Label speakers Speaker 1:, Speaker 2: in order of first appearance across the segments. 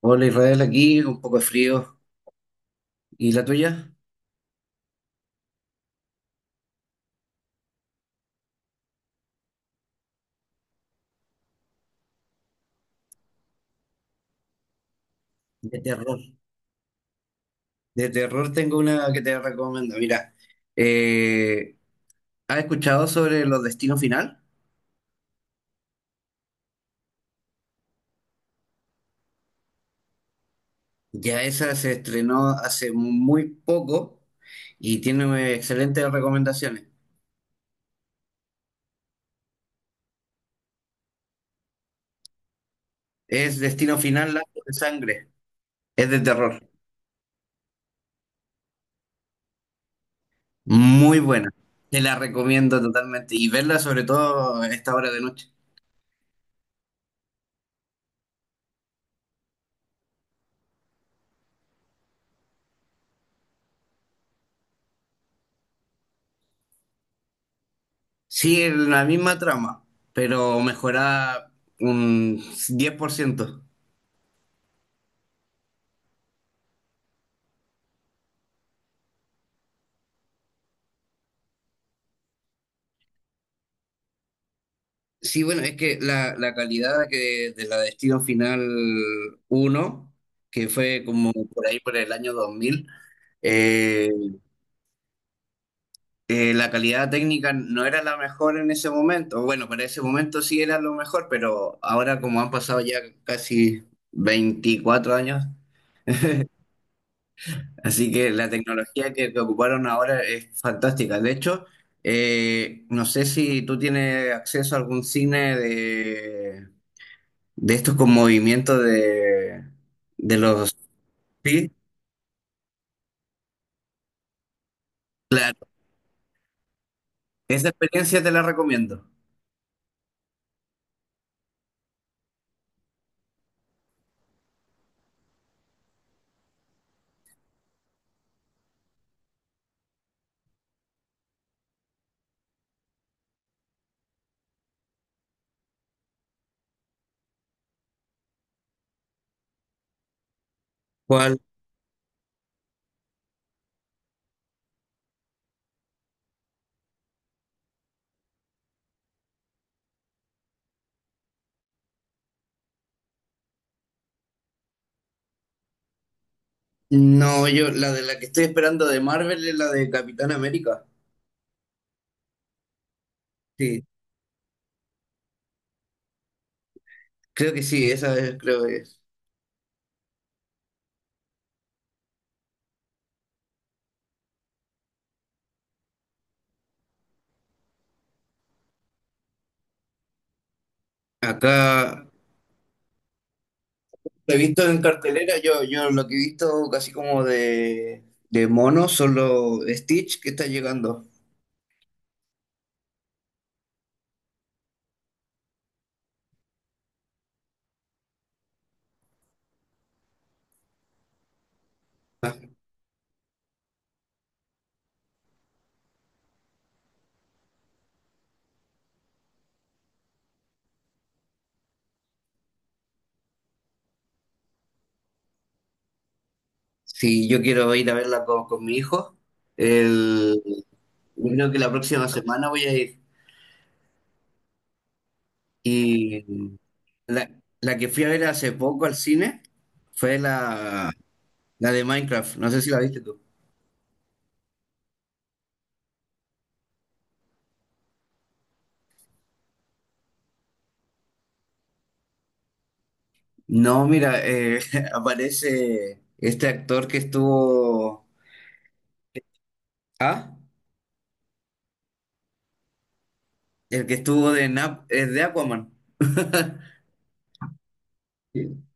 Speaker 1: Hola Israel, aquí un poco de frío. ¿Y la tuya? De terror. De terror tengo una que te recomiendo. Mira, eh, ¿has escuchado sobre Los Destinos Final? Ya esa se estrenó hace muy poco y tiene excelentes recomendaciones. Es Destino Final, Lazos de Sangre. Es de terror. Muy buena. Te la recomiendo totalmente y verla sobre todo a esta hora de noche. Sí, la misma trama, pero mejorada un 10%. Sí, bueno, es que la calidad de la Destino Final uno, que fue como por ahí por el año 2000, eh, la calidad técnica no era la mejor en ese momento. Bueno, para ese momento sí era lo mejor, pero ahora como han pasado ya casi 24 años. Así que la tecnología que ocuparon ahora es fantástica. De hecho, no sé si tú tienes acceso a algún cine de estos con movimientos de los. Sí, claro. Esa experiencia te la recomiendo. ¿Cuál? No, yo la que estoy esperando de Marvel es la de Capitán América. Sí, creo que sí, esa es, creo que es. Acá lo he visto en cartelera, yo lo que he visto casi como de mono, solo Stitch que está llegando. Sí, yo quiero ir a verla con mi hijo, el, yo creo que la próxima semana voy a ir. Y la, la que fui a ver hace poco al cine fue la de Minecraft, no sé si la viste tú. No, mira, aparece este actor que estuvo... Ah, el que estuvo Nap, de Aquaman.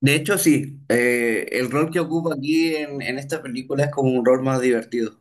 Speaker 1: De hecho, sí, el rol que ocupa aquí en esta película es como un rol más divertido.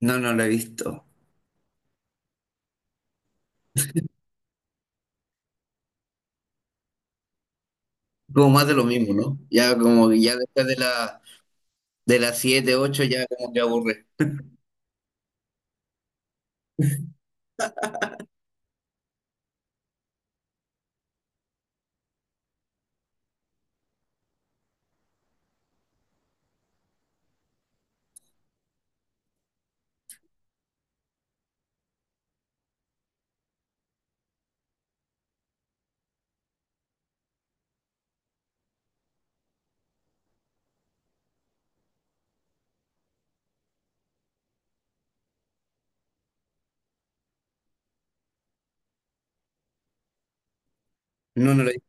Speaker 1: No, no lo he visto. Como más de lo mismo, ¿no? Ya como que ya después de la de las siete ocho ya como que aburre. No, no lo he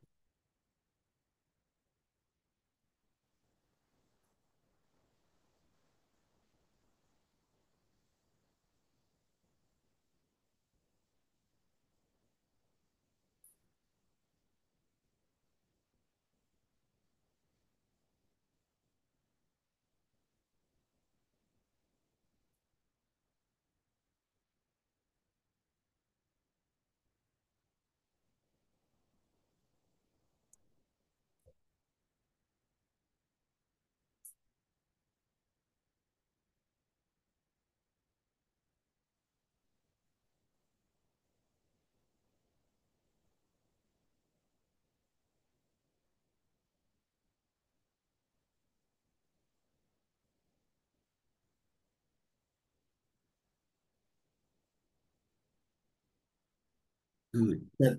Speaker 1: visto.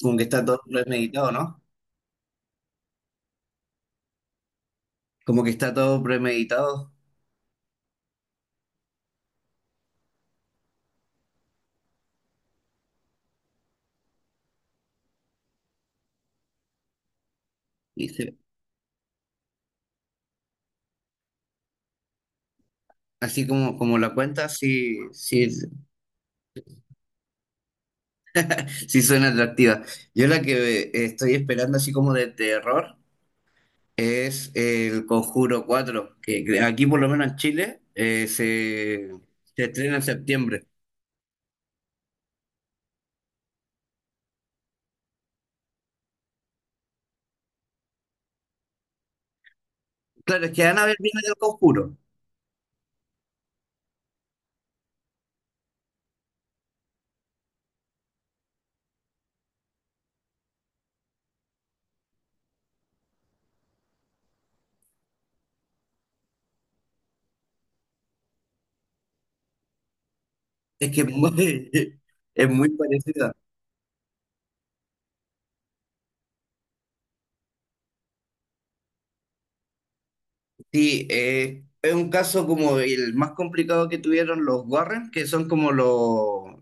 Speaker 1: Como que está todo premeditado, ¿no? Como que está todo premeditado. Y se- Así como, como la cuenta, sí suena atractiva. Yo la que estoy esperando así como de terror es el Conjuro cuatro aquí por lo menos en Chile se estrena en septiembre. Claro, es que Annabelle viene del Conjuro. Es que es es muy parecida. Sí, es un caso como el más complicado que tuvieron los Warren, que son como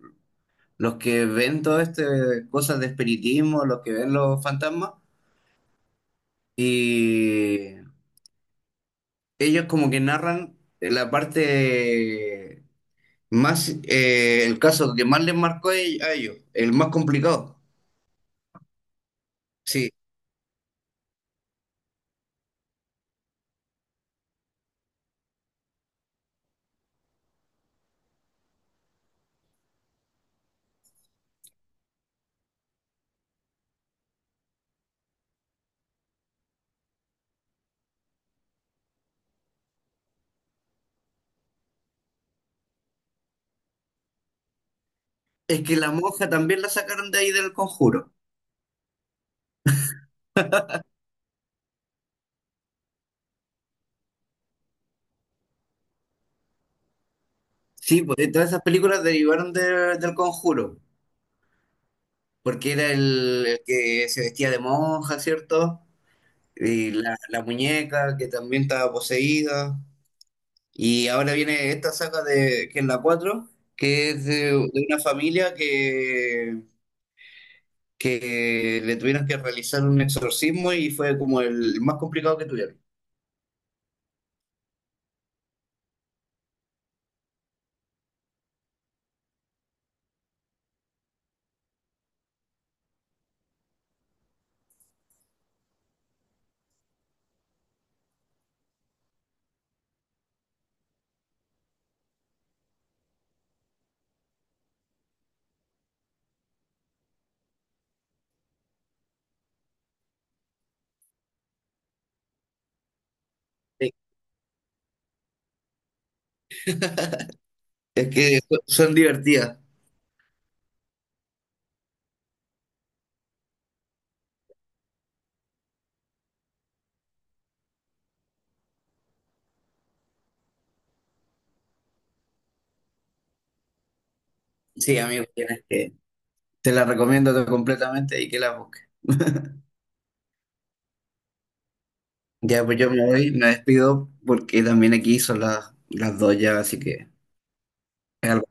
Speaker 1: los que ven todas estas cosas de espiritismo, los que ven los fantasmas, y ellos como que narran la parte más, el caso que más les marcó a ellos, el más complicado. Sí, es que la monja también la sacaron de ahí del conjuro. Sí, pues todas esas películas derivaron del conjuro, porque era el que se vestía de monja, ¿cierto? Y la muñeca que también estaba poseída. Y ahora viene esta saga de, que es la 4 que es de una familia que le tuvieron que realizar un exorcismo y fue como el más complicado que tuvieron. Sí. Es que son divertidas. Sí, amigo, tienes que. Te la recomiendo completamente y que la busques. Ya, pues yo me voy, me despido porque también aquí son las dos ya, así que es algo.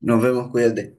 Speaker 1: Nos vemos, cuídate.